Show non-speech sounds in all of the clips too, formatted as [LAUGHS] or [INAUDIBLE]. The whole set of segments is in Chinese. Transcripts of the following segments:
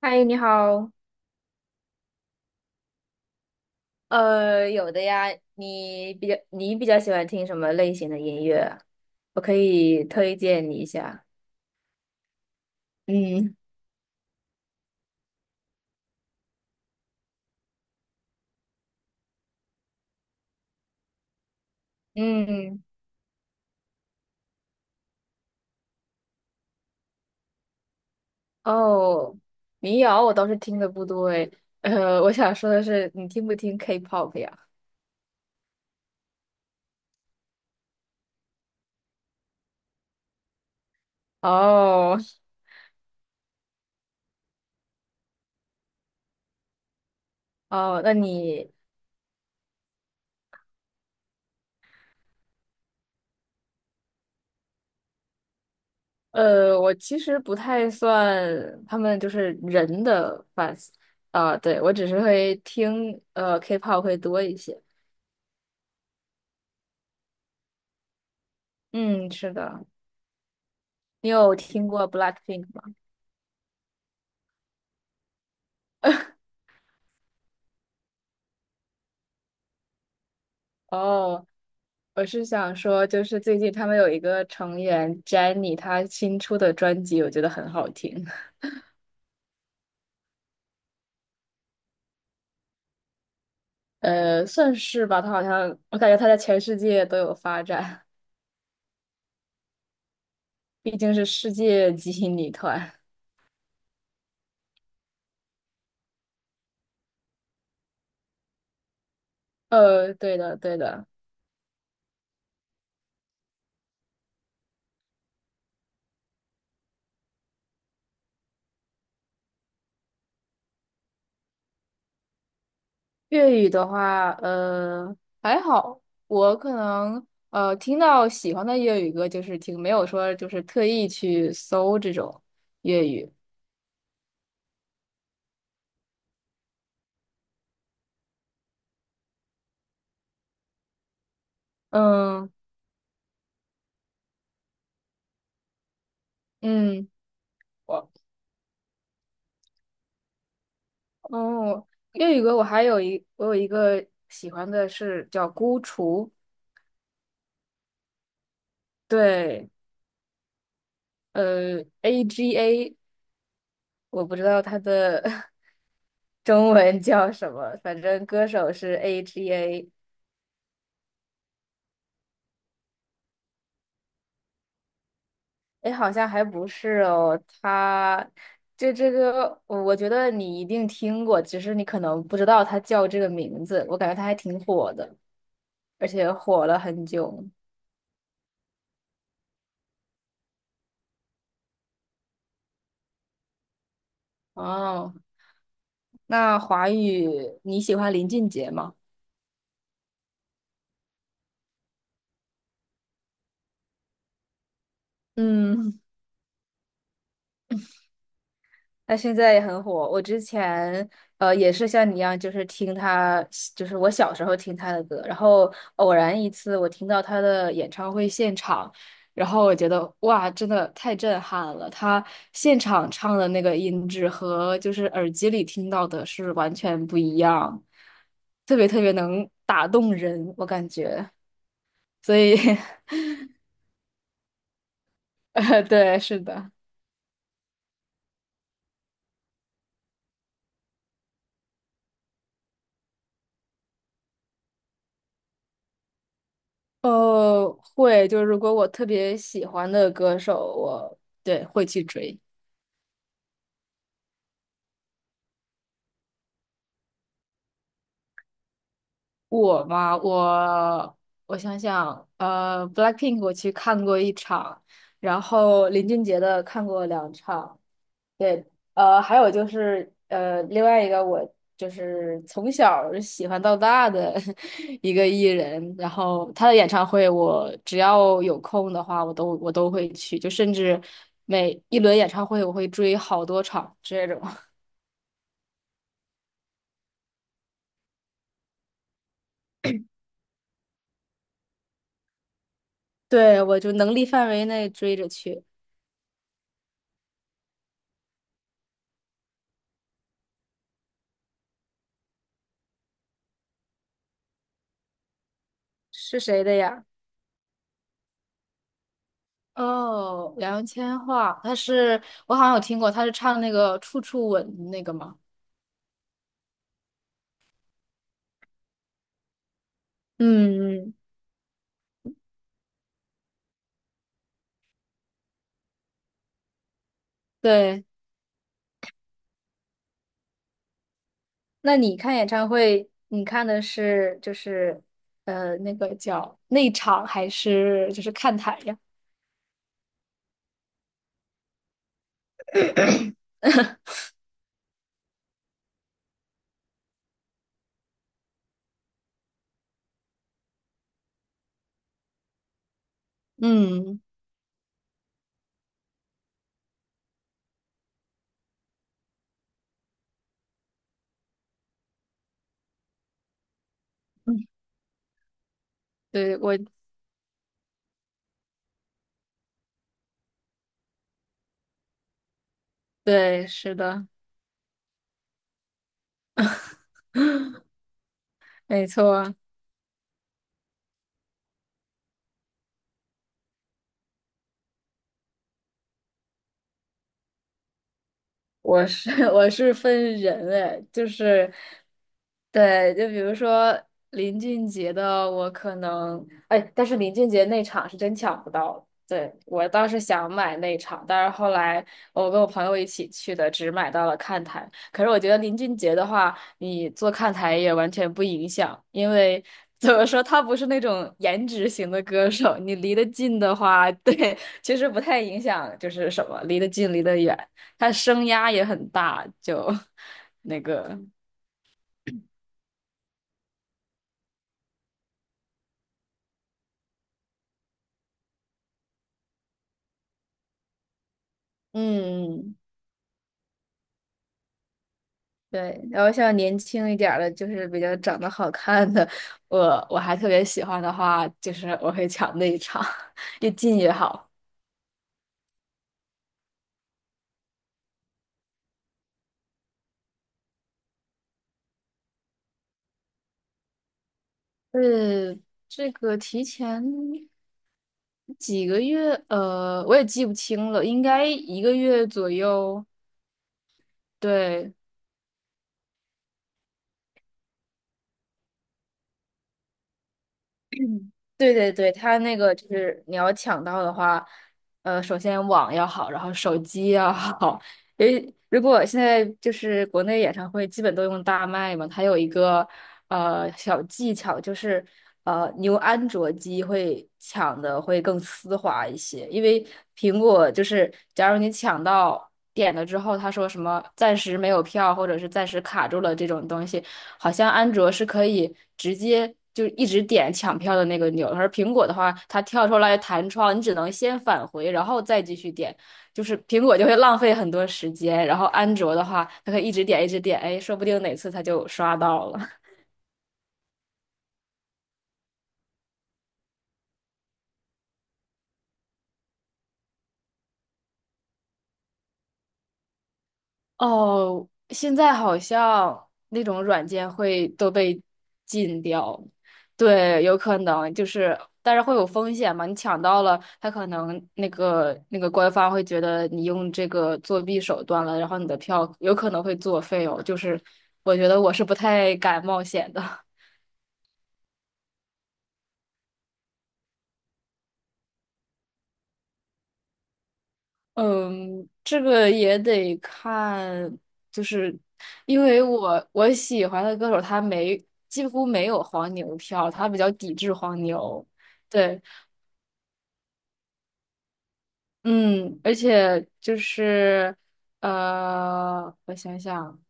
嗨，你好。有的呀，你比较喜欢听什么类型的音乐啊我可以推荐你一下。嗯，嗯，哦，民谣我倒是听的不多诶。[LAUGHS] 我想说的是，你听不听 K-pop 呀？哦 [LAUGHS] 哦，那你我其实不太算他们就是人的 fans 啊，对，我只是会听K-pop 会多一些。嗯，是的。你有听过 BLACKPINK 吗？哦，我是想说，就是最近他们有一个成员 Jennie,她新出的专辑我觉得很好听，算是吧，她好像我感觉她在全世界都有发展，毕竟是世界级女团。对的，对的。粤语的话，还好，我可能听到喜欢的粤语歌就是听，没有说就是特意去搜这种粤语。嗯嗯。我。哦，粤语歌我有一个喜欢的是叫《孤雏》，对，A G A，我不知道它的 [LAUGHS] 中文叫什么，反正歌手是 A G A，哎，诶好像还不是哦，他这个我觉得你一定听过，只是你可能不知道他叫这个名字，我感觉他还挺火的，而且火了很久。哦，那华语你喜欢林俊杰吗？嗯。他现在也很火。我之前也是像你一样，就是听他，就是我小时候听他的歌，然后偶然一次我听到他的演唱会现场，然后我觉得哇，真的太震撼了！他现场唱的那个音质和就是耳机里听到的是完全不一样，特别特别能打动人，我感觉。所以，[LAUGHS] 对，是的。会，就是如果我特别喜欢的歌手，我对会去追。我嘛，我我想想，Blackpink 我去看过一场，然后林俊杰的看过2 场，对，还有就是，另外一个我就是从小儿喜欢到大的 [LAUGHS] 一个艺人，然后他的演唱会，我只要有空的话，我都会去，就甚至每一轮演唱会，我会追好多场这种。[LAUGHS] 对，我就能力范围内追着去。是谁的呀？哦，杨千嬅，她是我好像有听过，她是唱那个《处处吻》那个吗？嗯，嗯，对。那你看演唱会，你看的是就是那个叫内场还是就是看台呀？嗯，对，对，是的，没错。我是 [LAUGHS] 我是分人哎，就是，对，就比如说林俊杰的，我可能哎，但是林俊杰那场是真抢不到。对，我倒是想买那场，但是后来我跟我朋友一起去的，只买到了看台。可是我觉得林俊杰的话，你坐看台也完全不影响，因为 [LAUGHS] 怎么说，他不是那种颜值型的歌手，你离得近的话，对，[LAUGHS] 其实不太影响，就是什么离得近离得远。他声压也很大，就 [LAUGHS] 那个，嗯，对，然后像年轻一点儿的，就是比较长得好看的，我还特别喜欢的话，就是我会抢那一场，[LAUGHS] 越近越好。呃，这个提前几个月，我也记不清了，应该一个月左右。对，嗯，对对对，它那个就是你要抢到的话，首先网要好，然后手机要好。因为如果现在就是国内演唱会基本都用大麦嘛，它有一个小技巧，就是你用安卓机会抢的会更丝滑一些，因为苹果就是假如你抢到点了之后，他说什么暂时没有票或者是暂时卡住了这种东西。好像安卓是可以直接就一直点抢票的那个钮，而苹果的话，它跳出来弹窗，你只能先返回，然后再继续点，就是苹果就会浪费很多时间，然后安卓的话，它可以一直点一直点，哎，说不定哪次它就刷到了。哦，现在好像那种软件会都被禁掉，对，有可能就是，但是会有风险嘛？你抢到了，他可能那个官方会觉得你用这个作弊手段了，然后你的票有可能会作废哦。就是我觉得我是不太敢冒险的。嗯，这个也得看，就是因为我喜欢的歌手他没几乎没有黄牛票，他比较抵制黄牛。对，嗯，而且就是我想想。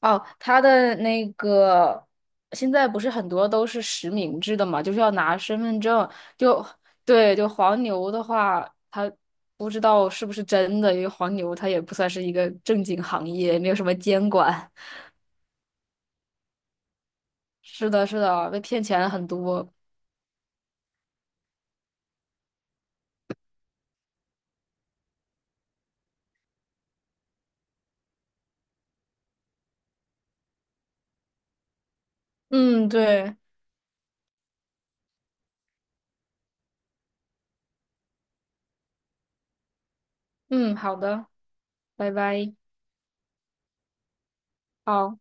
哦，他的那个现在不是很多都是实名制的嘛，就是要拿身份证。就对，就黄牛的话，他不知道是不是真的，因为黄牛他也不算是一个正经行业，也没有什么监管。[LAUGHS] 是的，是的，被骗钱很多。嗯，对，嗯，好的，拜拜，好。